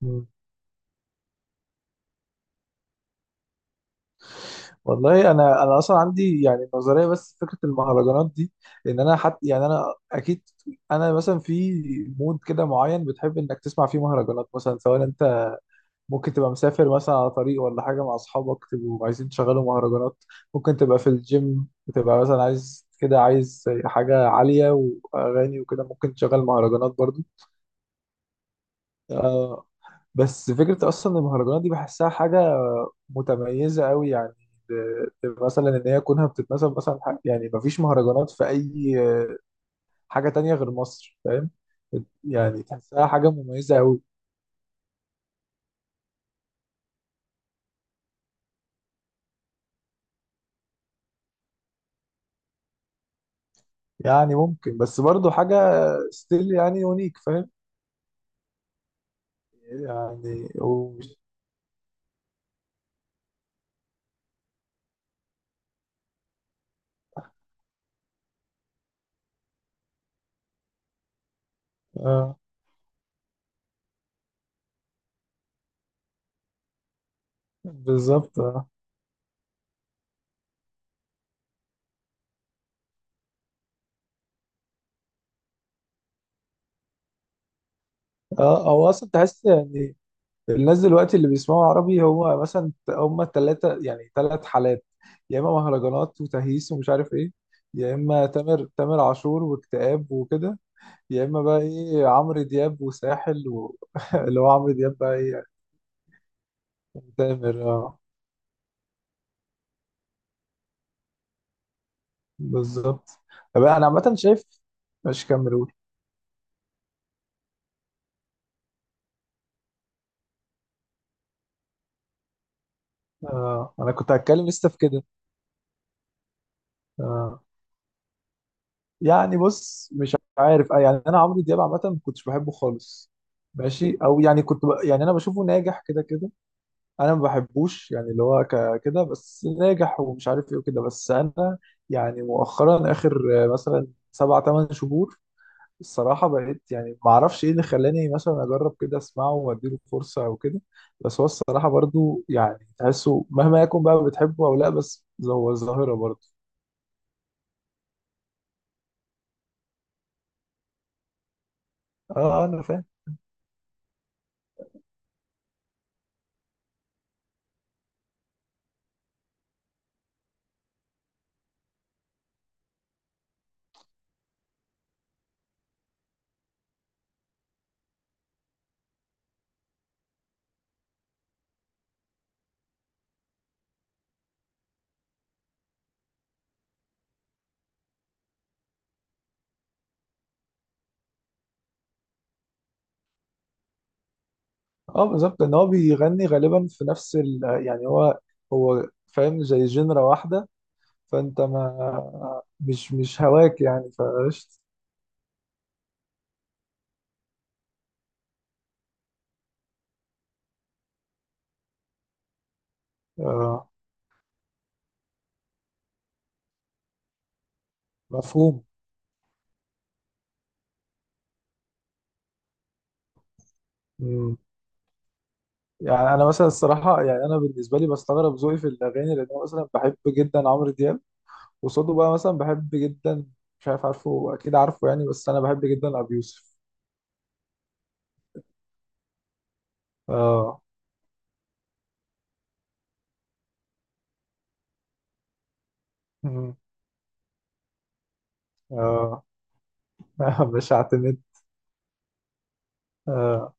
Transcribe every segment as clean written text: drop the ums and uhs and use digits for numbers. مم. والله انا اصلا عندي يعني نظريه بس فكره المهرجانات دي، ان انا حتى يعني انا، اكيد، انا مثلا في مود كده معين بتحب انك تسمع فيه مهرجانات. مثلا سواء انت ممكن تبقى مسافر مثلا على طريق ولا حاجه مع اصحابك، تبقوا عايزين تشغلوا مهرجانات. ممكن تبقى في الجيم، بتبقى مثلا عايز كده، عايز حاجه عاليه واغاني وكده، ممكن تشغل مهرجانات برضو. آه. بس فكرة أصلا المهرجانات دي بحسها حاجة متميزة أوي يعني. ب- مثلا إن هي كونها بتتناسب مثلا، يعني مفيش مهرجانات في أي حاجة تانية غير مصر، فاهم؟ يعني تحسها حاجة مميزة أوي. يعني ممكن، بس برضو حاجة ستيل، يعني يونيك، فاهم؟ يعني ومش... آه، بالظبط، اه. آه، هو أصلا تحس يعني الناس دلوقتي اللي بيسمعوا عربي هو مثلا هم التلاتة، يعني تلات حالات. يا اما مهرجانات وتهييس ومش عارف ايه، يا اما تامر عاشور واكتئاب وكده، يا اما بقى ايه عمرو دياب وساحل و... اللي هو عمرو دياب بقى ايه يعني. تامر، اه، بالظبط. طب انا عامة شايف، مش كاميرون. آه، انا كنت هتكلم لسه في كده. آه، يعني بص، مش عارف، آه، يعني انا عمرو دياب عامه ما كنتش بحبه خالص، ماشي، او يعني كنت يعني انا بشوفه ناجح كده كده. انا ما بحبوش يعني، اللي هو كده بس ناجح ومش عارف ايه وكده. بس انا يعني مؤخرا، اخر مثلا 7 8 شهور، الصراحه بقيت يعني ما اعرفش ايه اللي خلاني مثلا اجرب كده اسمعه واديله فرصه او كده. بس هو الصراحه برضو يعني تحسه مهما يكون بقى، بتحبه او لا، بس هو ظاهره برضو. اه انا فاهم. اه بالظبط، ان هو بيغني غالبا في نفس ال... يعني هو، هو فاهم زي جنرا واحده. فانت ما مش هواك يعني، فقشطة. آه. مفهوم. مم. يعني انا مثلا الصراحه، يعني انا بالنسبه لي بستغرب ذوقي في الاغاني، لان انا مثلا بحب جدا عمرو دياب وصوته بقى مثلا بحب جدا. مش عارف، عارفه اكيد عارفه يعني، بس انا بحب جدا ابي يوسف. اه. مم. اه. بشعت النت. آه.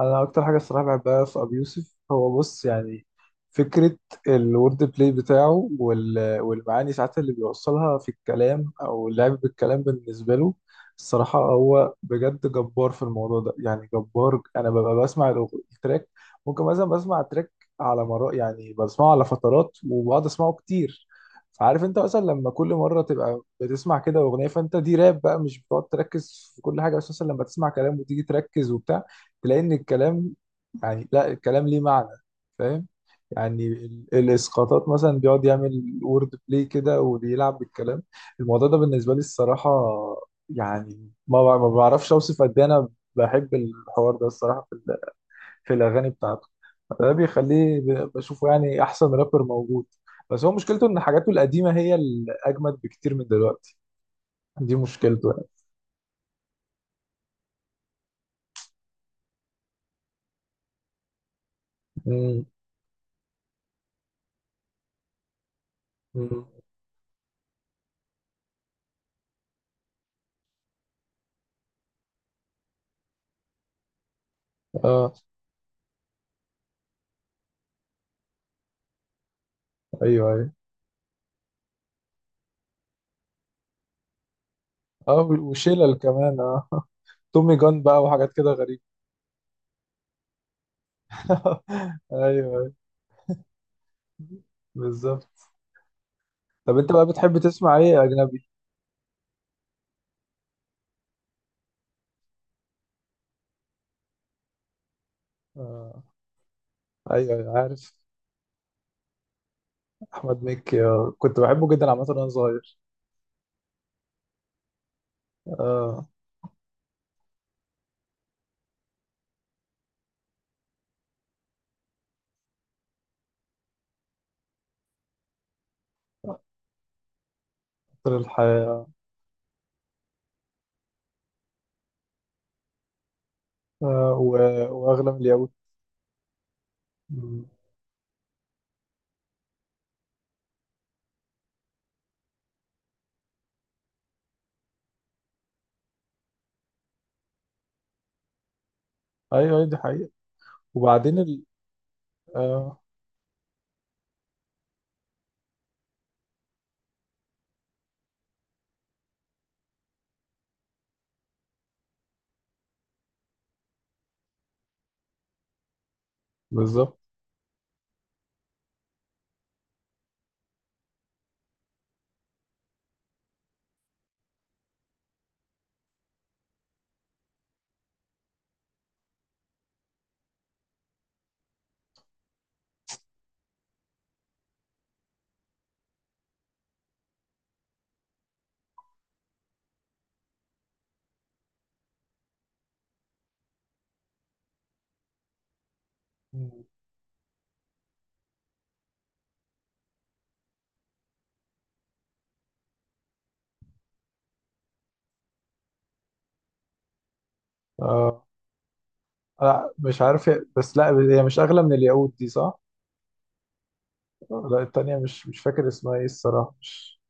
انا اكتر حاجه الصراحه بحبها في ابي يوسف هو، بص يعني، فكره الورد بلاي بتاعه وال- والمعاني ساعات اللي بيوصلها في الكلام او اللعب بالكلام بالنسبه له. الصراحه هو بجد جبار في الموضوع ده يعني، جبار. انا ببقى بسمع التراك، ممكن مثلا بسمع تراك على مرات، يعني بسمعه على فترات وبقعد اسمعه كتير. فعارف انت مثلا لما كل مره تبقى بتسمع كده اغنيه، فانت دي راب بقى، مش بتقعد تركز في كل حاجه، بس مثلا لما تسمع كلام وتيجي تركز وبتاع تلاقي ان الكلام، يعني لا الكلام ليه معنى، فاهم؟ يعني الاسقاطات مثلا بيقعد يعمل وورد بلاي كده وبيلعب بالكلام. الموضوع ده بالنسبه لي الصراحه، يعني ما بعرفش اوصف قد ايه انا بحب الحوار ده الصراحه في في الاغاني بتاعته. ده بيخليه بشوفه يعني احسن رابر موجود. بس هو مشكلته ان حاجاته القديمه هي الاجمد بكتير من دلوقتي، دي مشكلته يعني. امم أمم. اه، ايوه ايوه. اه وشلل كمان، اه، تومي جان بقى وحاجات كده غريبة. ايوه. أيوة، بالظبط. طب انت بقى بتحب تسمع ايه اجنبي؟ آه. ايوه. أيوة، عارف. احمد مكي. آه. كنت بحبه جدا عامة وانا صغير. آه. قطر الحياة. آه. و... واغلى من اليهود. مم. ايوه. أيوة، دي حقيقة. وبعدين ال... آه. بالظبط. مم. آه. لا مش عارف، بس لا، هي مش اغلى من اليهود دي، صح؟ لا التانية، مش فاكر اسمها ايه الصراحة، مش...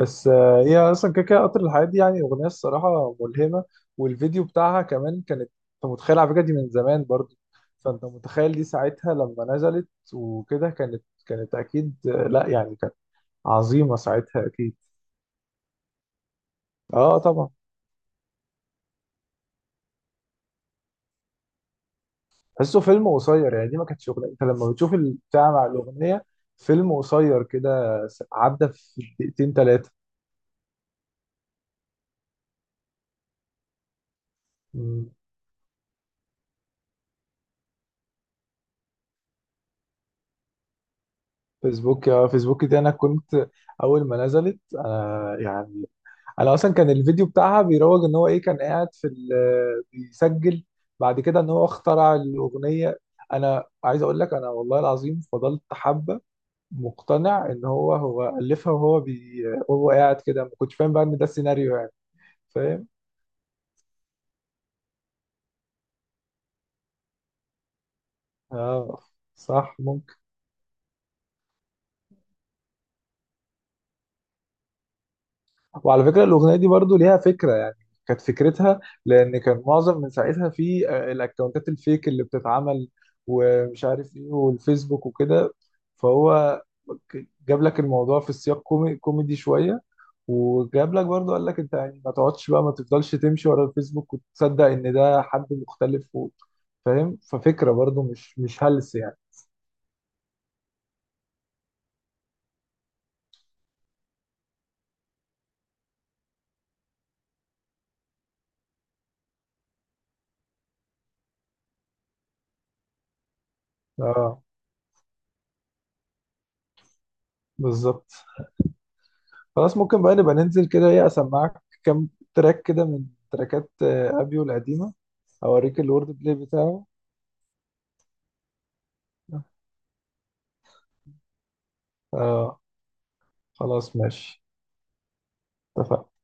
بس آه، هي اصلا كده كده قطر الحياة دي يعني اغنية الصراحة ملهمة، والفيديو بتاعها كمان كانت. انت متخيل، على فكرة دي من زمان برضو. فانت متخيل دي ساعتها لما نزلت وكده، كانت اكيد لا يعني كانت عظيمة ساعتها اكيد. اه طبعا. تحسه فيلم قصير يعني، دي ما كانتش اغنية، انت لما بتشوف البتاع مع الاغنية فيلم قصير كده، عدى في دقيقتين 3. فيسبوك يا فيسبوك دي انا كنت اول ما نزلت انا يعني، انا اصلا كان الفيديو بتاعها بيروج ان هو ايه، كان قاعد في بيسجل. بعد كده ان هو اخترع الاغنيه. انا عايز اقول لك انا والله العظيم فضلت حبه، مقتنع ان هو الفها، وهو قاعد كده، ما كنتش فاهم بقى ان ده السيناريو يعني. فاهم، اه، صح. وعلى فكرة الأغنية دي برضو ليها فكرة يعني، كانت فكرتها، لأن كان معظم من ساعتها في الأكونتات الفيك اللي بتتعمل ومش عارف إيه، والفيسبوك وكده. فهو جاب لك الموضوع في سياق كوميدي شوية، وجاب لك برضو قال لك أنت يعني ما تقعدش بقى، ما تفضلش تمشي ورا الفيسبوك وتصدق إن ده حد مختلف و... فاهم؟ ففكرة برضو مش هلس يعني. اه بالظبط. خلاص ممكن بقى نبقى ننزل كده ايه، اسمعك كام تراك كده من تراكات ابيو القديمة، اوريك الورد بلاي بتاعه. اه خلاص ماشي. اتفقنا.